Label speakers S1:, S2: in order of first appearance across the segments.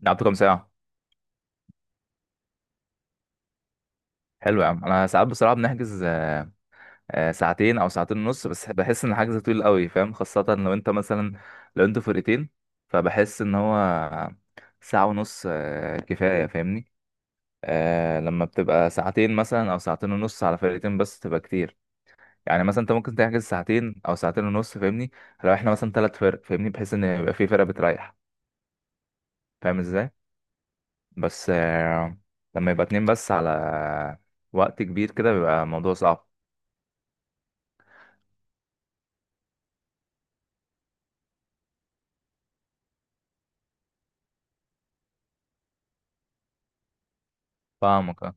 S1: لعبتوا كام ساعة؟ حلو يا عم، انا ساعات بصراحة بنحجز ساعتين او ساعتين ونص، بس بحس ان الحجز طويل قوي فاهم، خاصة لو انت مثلا لو انتوا فرقتين، فبحس ان هو ساعة ونص كفاية فاهمني. لما بتبقى ساعتين مثلا او ساعتين ونص على فرقتين بس تبقى كتير. يعني مثلا انت ممكن تحجز ساعتين او ساعتين ونص فاهمني، لو احنا مثلا ثلاث فرق فاهمني، بحيث ان يبقى في فرقة بتريح. فاهم ازاي؟ بس لما يبقى اتنين بس على وقت كبير كده بيبقى الموضوع صعب. فاهمك.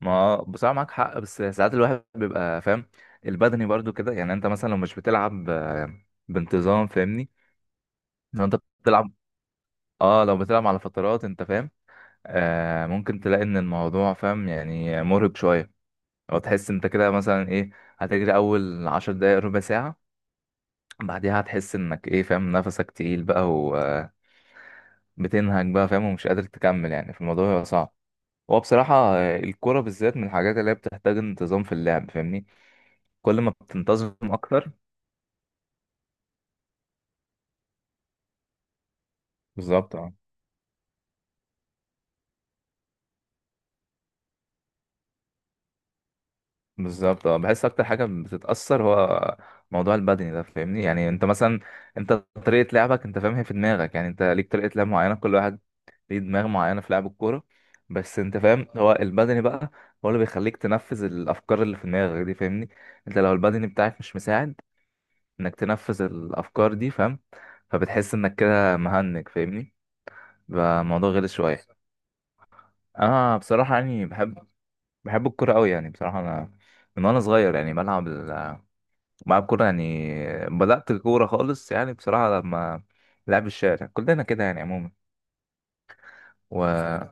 S1: ما بصراحة معاك حق، بس ساعات الواحد بيبقى فاهم البدني برضو كده. يعني انت مثلا لو مش بتلعب بانتظام فاهمني، لو انت بتلعب، اه لو بتلعب على فترات انت فاهم، ممكن تلاقي ان الموضوع فاهم يعني مرهق شوية. او تحس انت كده مثلا ايه، هتجري اول عشر دقايق ربع ساعة، بعدها هتحس انك ايه فاهم نفسك تقيل بقى وبتنهج بقى فاهم ومش قادر تكمل، يعني في الموضوع صعب. هو بصراحة الكورة بالذات من الحاجات اللي هي بتحتاج انتظام في اللعب فاهمني، كل ما بتنتظم أكتر. بالظبط اه. بالظبط اه، بحس أكتر حاجة بتتأثر هو موضوع البدني ده فاهمني. يعني أنت مثلا، أنت طريقة لعبك أنت فاهم هي في دماغك، يعني أنت ليك طريقة لعب معينة، كل واحد ليه دماغ معينة في لعب الكورة. بس أنت فاهم هو البدني بقى هو اللي بيخليك تنفذ الأفكار اللي في دماغك دي فاهمني. أنت لو البدني بتاعك مش مساعد إنك تنفذ الأفكار دي فاهم، فبتحس إنك كده مهنج فاهمني، بقى الموضوع غلس شويه. اه بصراحه يعني بحب الكوره قوي يعني بصراحه، انا من وانا صغير يعني بلعب بلعب كوره يعني، بدات الكوره خالص يعني بصراحه، لما لعب الشارع كلنا كده يعني عموما. وحلو.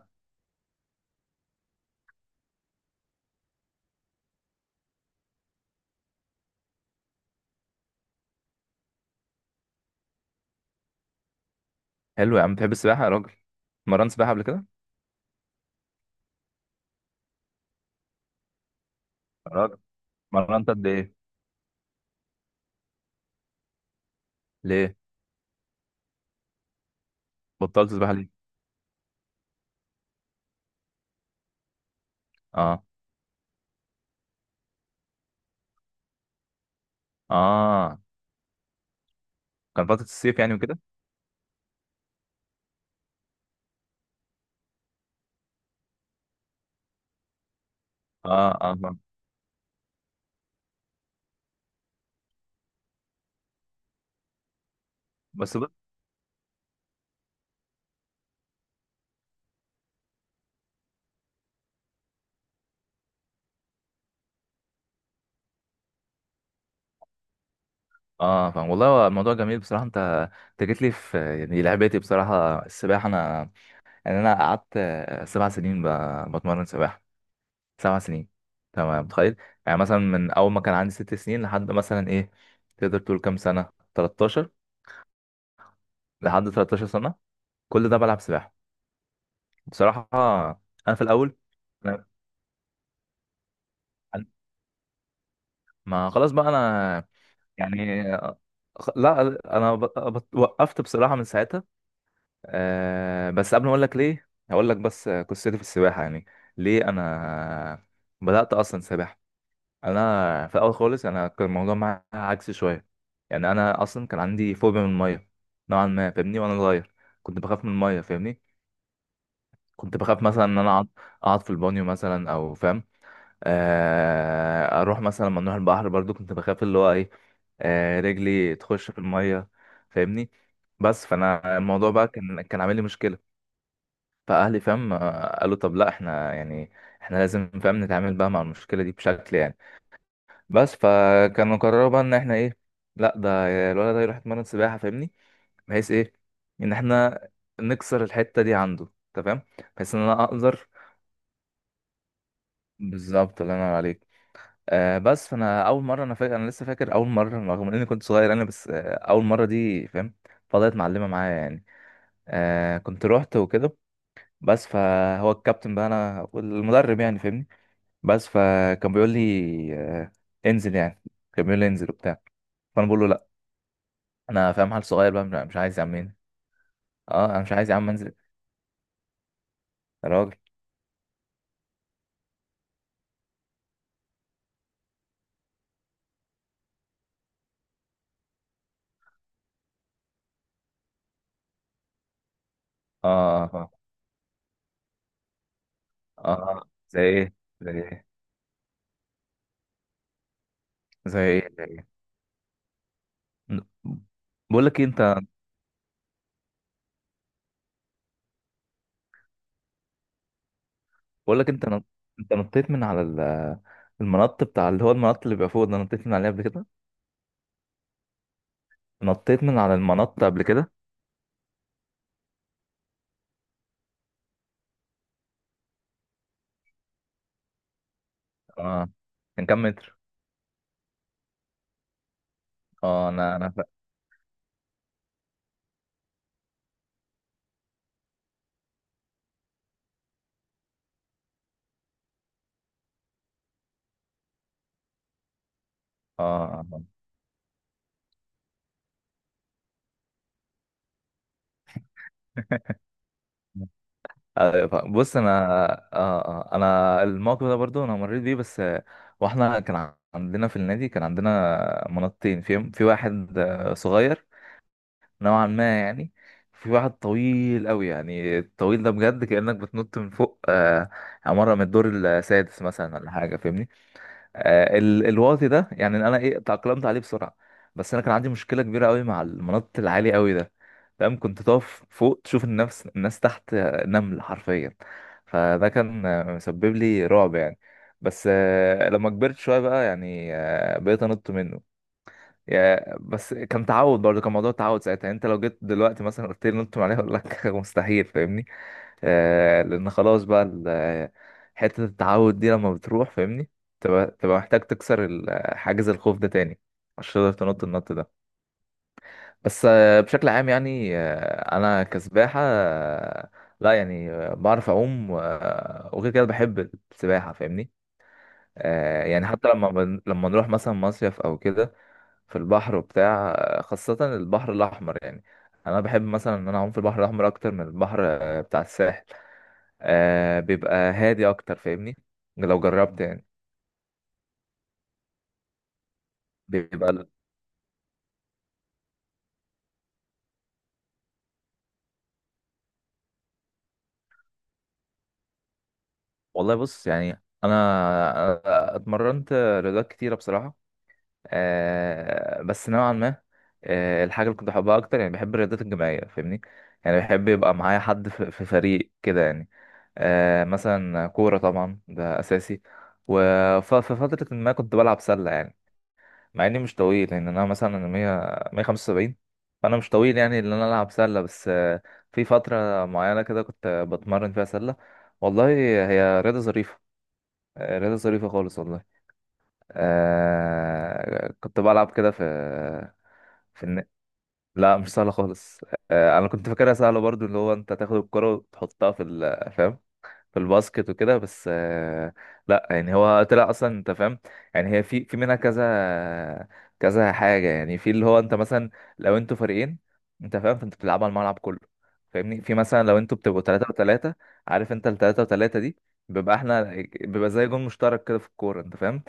S1: يا عم بتحب السباحه يا راجل، مرنت سباحه قبل كده؟ يا راجل، مرنت قد ايه؟ ليه بطلت سباحه ليه؟ اه اه، كان فتره الصيف يعني وكده. اه اه فاهم. بس بص، اه فاهم والله، هو الموضوع جميل بصراحه. انت جيت لي في يعني لعبتي بصراحه السباحه، انا يعني انا قعدت سبع سنين بتمرن سباحه. سبع سنين، تمام متخيل؟ يعني مثلا من اول ما كان عندي ست سنين لحد مثلا ايه، تقدر تقول كام سنه، 13. لحد 13 سنه، كل ده بلعب سباحه بصراحه. انا في الاول أنا- أنا- ما خلاص بقى انا يعني لا انا وقفت بصراحه من ساعتها. أه، بس قبل ما اقول لك ليه هقول لك بس قصتي في السباحه يعني. ليه انا بدات اصلا سباحه؟ انا في الاول خالص انا كان الموضوع معايا عكسي شويه، يعني انا اصلا كان عندي فوبيا من الميه نوعا ما فاهمني، وانا صغير كنت بخاف من الميه فاهمني. كنت بخاف مثلا ان انا اقعد في البانيو مثلا او فاهم، اروح مثلا لما نروح البحر برضو، كنت بخاف اللي هو ايه، رجلي تخش في الميه فاهمني. بس فانا الموضوع بقى كان عامل لي مشكله. فاهلي فاهم، قالوا طب لا احنا يعني احنا لازم فاهم نتعامل بقى مع المشكله دي بشكل يعني، بس فكانوا قرروا بقى ان احنا ايه، لا ده الولد ده يروح يتمرن سباحه فاهمني، بحيث ايه ان احنا نكسر الحته دي عنده تمام. بحيث ان انا اقدر بالظبط. الله ينور عليك. آه بس فانا اول مره انا فاكر، انا لسه فاكر اول مره رغم اني كنت صغير، انا بس آه اول مره دي فاهم، فضلت معلمه معايا يعني، آه كنت روحت وكده. بس فهو الكابتن بقى انا والمدرب يعني فاهمني، بس فكان بيقول لي انزل يعني، كان بيقول لي انزل وبتاع، فانا بقول له انا فاهم حال صغير بقى مش عايز يا عم أنزل. اه انا مش عايز يا عم انزل يا راجل. اه اه. آه. زي ايه، زي ايه؟ زي ايه، زي ايه؟ بقول لك إيه، انت، بقول لك انت انت نطيت من على المنط بتاع اللي هو المنط اللي بيبقى فوق ده، نطيت من عليه قبل كده؟ نطيت من على المنط قبل كده؟ اه، كان كام متر؟ اه انا اه آه. أيوة فاهم. بص انا، انا الموقف ده برضو انا مريت بيه، بس واحنا كان عندنا في النادي، كان عندنا منطقتين، في واحد صغير نوعا ما يعني، في واحد طويل قوي يعني. الطويل ده بجد كأنك بتنط من فوق عمارة من الدور السادس مثلا ولا حاجة فاهمني. الواطي ده يعني انا ايه تأقلمت عليه بسرعه، بس انا كان عندي مشكله كبيره قوي مع المنط العالي قوي ده فاهم. كنت تقف فوق تشوف الناس تحت نمل حرفيا، فده كان مسبب لي رعب يعني. بس لما كبرت شويه بقى يعني بقيت انط منه، يا بس كان تعود برضه، كان موضوع تعود ساعتها يعني. انت لو جيت دلوقتي مثلا قلت لي نط من عليه اقول لك مستحيل فاهمني. لان خلاص بقى حتة التعود دي لما بتروح فاهمني، تبقى محتاج تكسر حاجز الخوف ده تاني عشان تقدر تنط النط ده. بس بشكل عام يعني انا كسباحة لا يعني بعرف اعوم، وغير كده بحب السباحة فاهمني. آه يعني حتى لما لما نروح مثلا مصيف او كده في البحر وبتاع، خاصة البحر الأحمر يعني. أنا بحب مثلا إن أنا أعوم في البحر الأحمر أكتر من البحر بتاع الساحل، بيبقى هادي اكتر فاهمني، لو جربت يعني. بيبقى. والله بص يعني، انا اتمرنت رياضات كتيره بصراحه. بس نوعا ما الحاجه اللي كنت بحبها اكتر يعني، بحب الرياضات الجماعيه فاهمني، يعني بحب يبقى معايا حد في فريق كده يعني. مثلا كوره طبعا ده اساسي، وفي فتره ما كنت بلعب سله يعني، مع اني مش طويل يعني. انا مثلا انا 100 175، فانا مش طويل يعني ان انا العب سله، بس في فتره معينه كده كنت بتمرن فيها سله. والله هي رياضه ظريفه. رياضه ظريفه خالص والله. آه كنت بلعب كده في في الن... لا مش سهله خالص. آه انا كنت فاكرها سهله برضو، اللي هو انت تاخد الكره وتحطها في فاهم في الباسكت وكده، بس لا يعني هو طلع اصلا انت فاهم، يعني هي في منها كذا كذا حاجه يعني. في اللي هو انت مثلا لو انتوا فريقين انت فاهم، فانت بتلعبوا على الملعب كله فاهمني، في مثلا لو انتوا بتبقوا 3 و3 عارف، انت ال 3 و3 دي بيبقى احنا بيبقى زي جون مشترك كده في الكوره انت فاهم،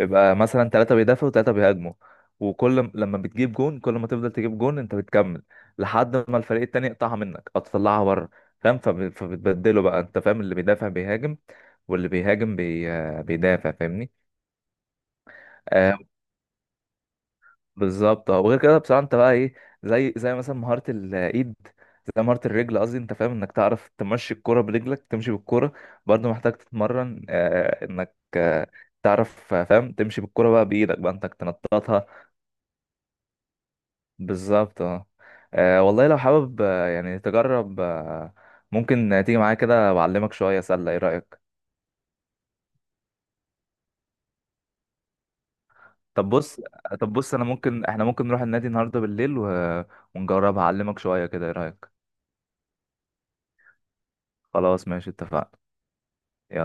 S1: يبقى مثلا ثلاثة بيدافعوا وثلاثة بيهاجموا، وكل لما بتجيب جون كل ما تفضل تجيب جون انت بتكمل، لحد ما الفريق التاني يقطعها منك او تطلعها بره فاهم، فبتبدله بقى انت فاهم، اللي بيدافع بيهاجم واللي بيهاجم بيدافع فاهمني. آه بالظبط اه. وغير كده بصراحة انت بقى ايه، زي مثلا مهارة الايد، زي مهارة الرجل قصدي انت فاهم انك تعرف تمشي الكرة برجلك، تمشي بالكرة برضه محتاج تتمرن انك تعرف فاهم تمشي بالكرة بقى بايدك بقى انك تنططها. بالظبط اه. والله لو حابب يعني تجرب، ممكن تيجي معايا كده وأعلمك شوية سلة، ايه رأيك؟ طب بص طب بص انا ممكن، احنا ممكن نروح النادي النهاردة بالليل و... ونجرب أعلمك شوية كده، ايه رأيك؟ خلاص ماشي، اتفقنا. يلا.